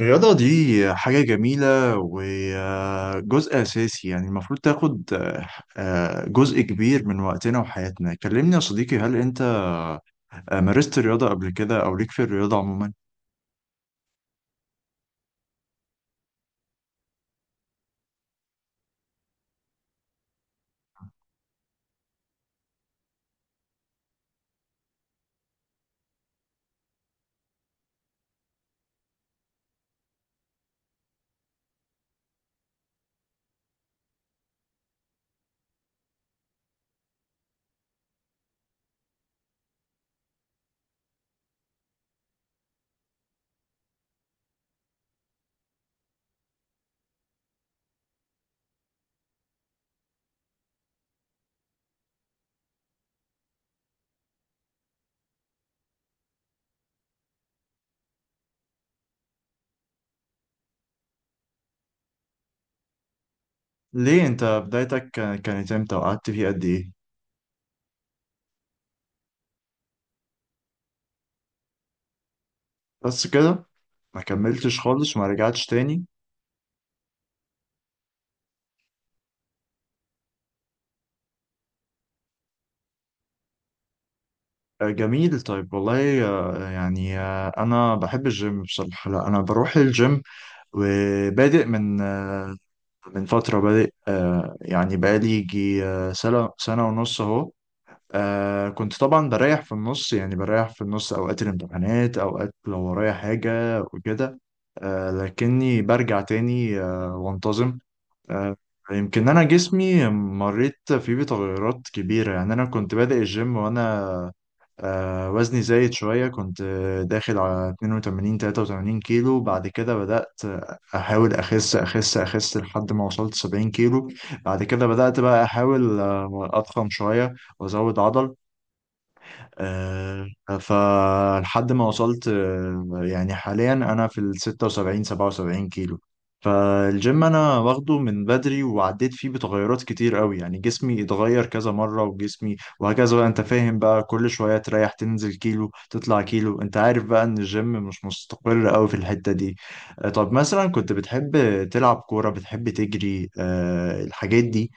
الرياضة دي حاجة جميلة وجزء أساسي، يعني المفروض تاخد جزء كبير من وقتنا وحياتنا. كلمني يا صديقي، هل أنت مارست الرياضة قبل كده، أو ليك في الرياضة عموما؟ ليه أنت بدايتك كانت إمتى وقعدت فيه قد إيه؟ بس كده؟ ما كملتش خالص وما رجعتش تاني؟ جميل. طيب والله، أنا بحب الجيم بصراحة. لا أنا بروح الجيم وبادئ من فترة، بادئ يعني بقالي يجي سنة سنة ونص أهو. كنت طبعا بريح في النص، يعني بريح في النص أوقات الامتحانات، أوقات لو ورايا حاجة وكده. لكني برجع تاني وانتظم. آه، يمكن أنا جسمي مريت فيه بتغيرات كبيرة. يعني أنا كنت بادئ الجيم وأنا وزني زايد شوية، كنت داخل على 82 83 كيلو. بعد كده بدأت أحاول أخس أخس أخس لحد ما وصلت 70 كيلو. بعد كده بدأت بقى أحاول أضخم شوية وأزود عضل. آه، فلحد ما وصلت يعني حاليا انا في ال 76 77 كيلو. فالجيم انا واخده من بدري، وعديت فيه بتغيرات كتير قوي. يعني جسمي اتغير كذا مرة، وجسمي وهكذا، بقى انت فاهم بقى، كل شوية تريح، تنزل كيلو، تطلع كيلو. انت عارف بقى ان الجيم مش مستقر قوي في الحتة دي. طب مثلا، كنت بتحب تلعب كورة؟ بتحب تجري الحاجات دي؟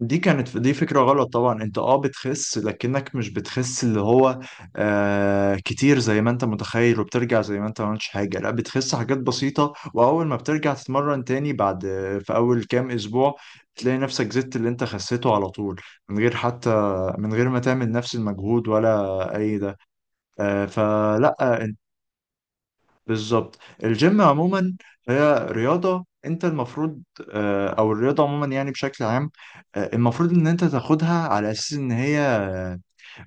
دي كانت دي فكرة غلط طبعا. انت بتخس، لكنك مش بتخس اللي هو كتير زي ما انت متخيل، وبترجع زي ما انت ما عملتش حاجة. لا، بتخس حاجات بسيطة، واول ما بترجع تتمرن تاني، بعد في اول كام اسبوع تلاقي نفسك زدت اللي انت خسيته على طول. من غير حتى من غير ما تعمل نفس المجهود ولا اي ده. آه فلا بالظبط. الجيم عموما هي رياضة انت المفروض، او الرياضة عموما يعني بشكل عام، المفروض ان انت تاخدها على اساس ان هي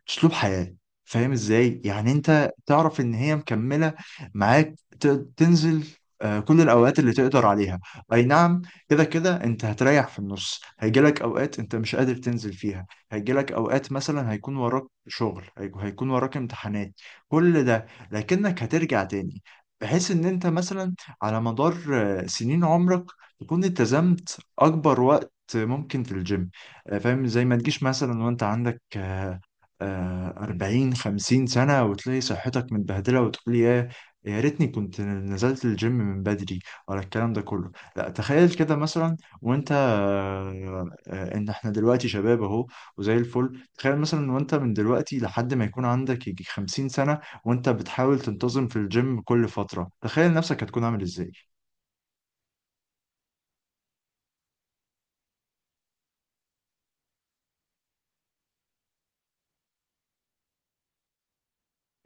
اسلوب حياة. فاهم ازاي؟ يعني انت تعرف ان هي مكملة معاك. ت- تنزل كل الاوقات اللي تقدر عليها. اي نعم، كده كده انت هتريح في النص، هيجيلك اوقات انت مش قادر تنزل فيها، هيجيلك اوقات مثلا هيكون وراك شغل، هيكون وراك امتحانات، كل ده. لكنك هترجع تاني، بحيث ان انت مثلا على مدار سنين عمرك، تكون التزمت اكبر وقت ممكن في الجيم. فاهم؟ زي ما تجيش مثلا وانت عندك 40 50 سنة، وتلاقي صحتك متبهدلة، وتقول يا ريتني كنت نزلت الجيم من بدري، ولا الكلام ده كله. لا تخيل كده مثلا، وانت ان احنا دلوقتي شباب اهو، وزي الفل. تخيل مثلا وانت من دلوقتي لحد ما يكون عندك يجي 50 سنة وانت بتحاول تنتظم في الجيم كل فترة، تخيل نفسك هتكون عامل ازاي.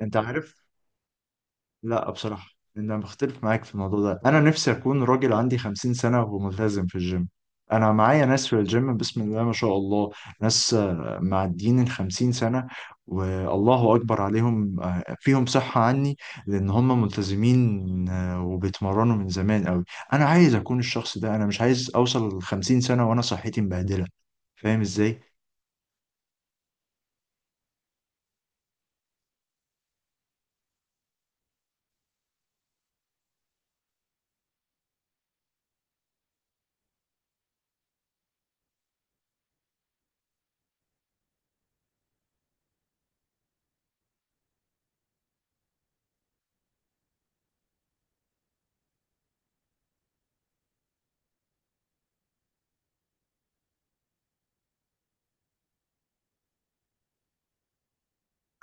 انت عارف؟ لا بصراحة، أنا بختلف معاك في الموضوع ده. أنا نفسي أكون راجل عندي 50 سنة وملتزم في الجيم. أنا معايا ناس في الجيم، بسم الله ما شاء الله، ناس معديين الخمسين سنة، والله أكبر عليهم، فيهم صحة عني، لأن هم ملتزمين وبيتمرنوا من زمان أوي. أنا عايز أكون الشخص ده. أنا مش عايز أوصل للخمسين سنة وأنا صحتي مبهدلة. فاهم إزاي؟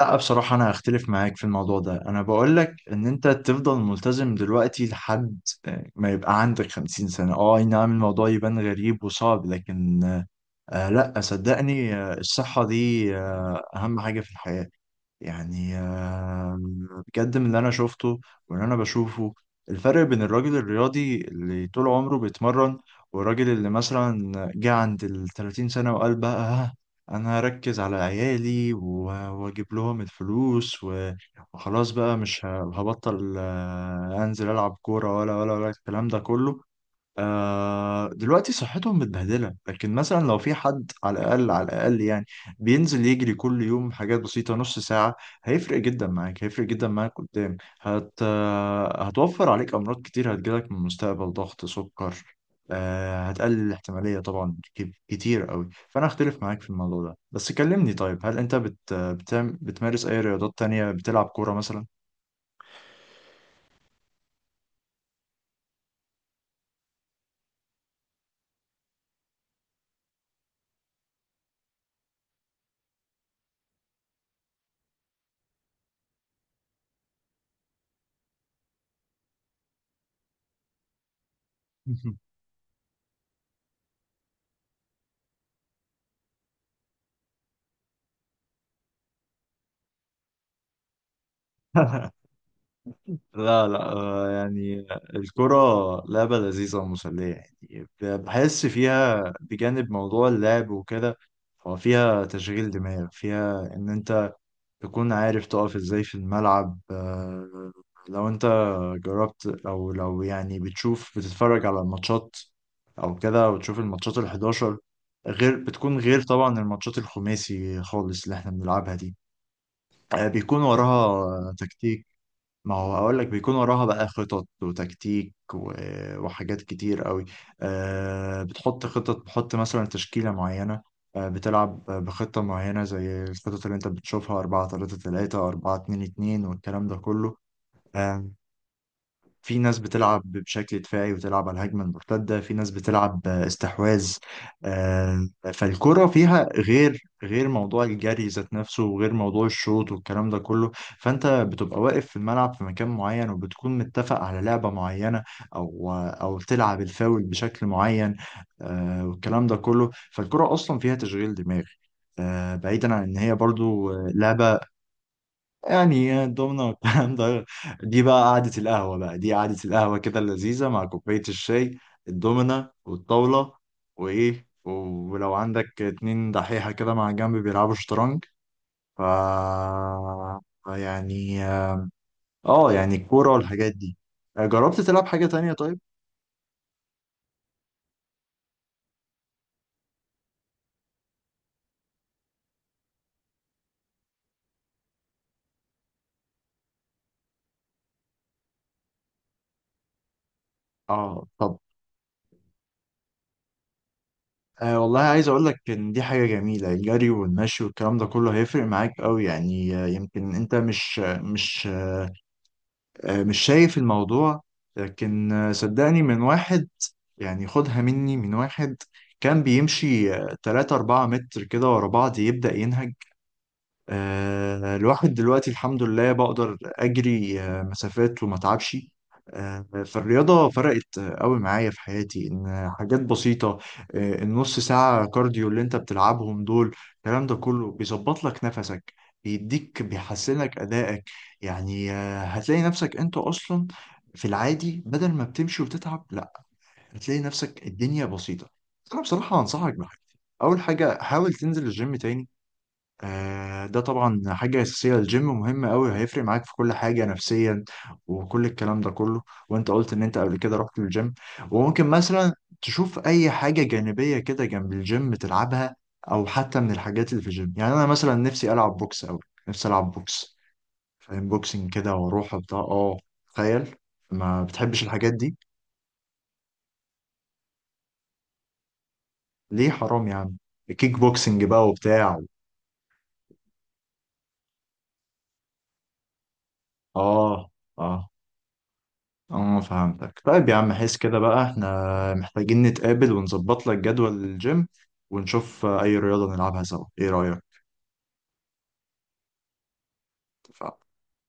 لا بصراحة، أنا هختلف معاك في الموضوع ده. أنا بقول لك إن أنت تفضل ملتزم دلوقتي لحد ما يبقى عندك 50 سنة. أه أي نعم، الموضوع يبان غريب وصعب، لكن لا صدقني، الصحة دي أهم حاجة في الحياة. يعني بجد من اللي انا شفته واللي انا بشوفه، الفرق بين الراجل الرياضي اللي طول عمره بيتمرن، والراجل اللي مثلا جه عند ال 30 سنة وقال بقى: انا هركز على عيالي واجيب لهم الفلوس وخلاص بقى مش هبطل انزل العب كورة، ولا ولا ولا الكلام ده كله". دلوقتي صحتهم متبهدلة، لكن مثلا لو في حد، على الأقل على الأقل يعني، بينزل يجري كل يوم حاجات بسيطة، نص ساعة، هيفرق جدا معاك، هيفرق جدا معاك قدام. هت آه، هتوفر عليك أمراض كتير هتجيلك من المستقبل، ضغط، سكر. هتقلل الاحتمالية طبعا كتير قوي. فأنا أختلف معاك في الموضوع ده. بس كلمني طيب، هل أنت بتمارس أي رياضات تانية؟ بتلعب كورة مثلا؟ لا لا، يعني الكرة لعبة لذيذة ومسلية. يعني بحس فيها، بجانب موضوع اللعب وكده، هو فيها تشغيل دماغ، فيها إن أنت تكون عارف تقف إزاي في الملعب. لو أنت جربت، أو لو يعني بتشوف، بتتفرج على الماتشات أو كده، وتشوف الماتشات الحداشر، غير طبعا الماتشات الخماسي خالص اللي احنا بنلعبها دي. بيكون وراها تكتيك. ما هو اقول لك، بيكون وراها بقى خطط وتكتيك وحاجات كتير قوي. أه بتحط خطط، بتحط مثلا تشكيلة معينة، أه بتلعب بخطة معينة زي الخطط اللي انت بتشوفها، 4 3 3 4 2 2 والكلام ده كله. آه، في ناس بتلعب بشكل دفاعي وتلعب على الهجمة المرتدة، في ناس بتلعب استحواذ. آه، فالكرة فيها غير موضوع الجري ذات نفسه، وغير موضوع الشوط والكلام ده كله. فأنت بتبقى واقف في الملعب في مكان معين، وبتكون متفق على لعبة معينة، أو تلعب الفاول بشكل معين. والكلام ده كله. فالكرة أصلا فيها تشغيل دماغ، بعيدا عن إن هي برضو لعبة. يعني الضمنة والكلام ده، دي قعدة القهوة كده اللذيذة مع كوباية الشاي، الضمنة والطاولة وإيه. ولو عندك اتنين دحيحة كده مع جنب بيلعبوا شطرنج. ف يعني، اه يعني الكورة والحاجات دي. جربت تلعب حاجة تانية طيب؟ اه طب. والله عايز اقول لك ان دي حاجة جميلة. الجري والمشي والكلام ده كله هيفرق معاك قوي. يعني يمكن انت مش مش شايف الموضوع، لكن صدقني. من واحد يعني، خدها مني، من واحد كان بيمشي 3 4 متر كده ورا بعض يبدأ ينهج. الواحد دلوقتي الحمد لله بقدر أجري مسافات وما أتعبش. فالرياضة فرقت قوي معايا في حياتي. إن حاجات بسيطة، النص ساعة كارديو اللي أنت بتلعبهم دول، الكلام ده كله بيظبط لك نفسك، بيديك، بيحسنك أدائك. يعني هتلاقي نفسك أنت أصلا في العادي، بدل ما بتمشي وتتعب، لا، هتلاقي نفسك الدنيا بسيطة. أنا بصراحة أنصحك بحاجة: أول حاجة حاول تنزل الجيم تاني. ده طبعا حاجة أساسية، الجيم مهم أوي، هيفرق معاك في كل حاجة نفسيا وكل الكلام ده كله. وأنت قلت إن أنت قبل كده رحت الجيم. وممكن مثلا تشوف أي حاجة جانبية كده جنب الجيم تلعبها، أو حتى من الحاجات اللي في الجيم. يعني أنا مثلا نفسي ألعب بوكس أوي، نفسي ألعب بوكس. فاهم؟ بوكسنج كده، وأروح وبتاع. تخيل، ما بتحبش الحاجات دي؟ ليه حرام يا عم؟ كيك بوكسنج بقى وبتاع. أه. أه. اه فهمتك. طيب يا عم، حس كده بقى احنا محتاجين نتقابل ونظبط لك جدول الجيم، ونشوف اي رياضة نلعبها سوا. ايه رأيك؟ اتفقنا.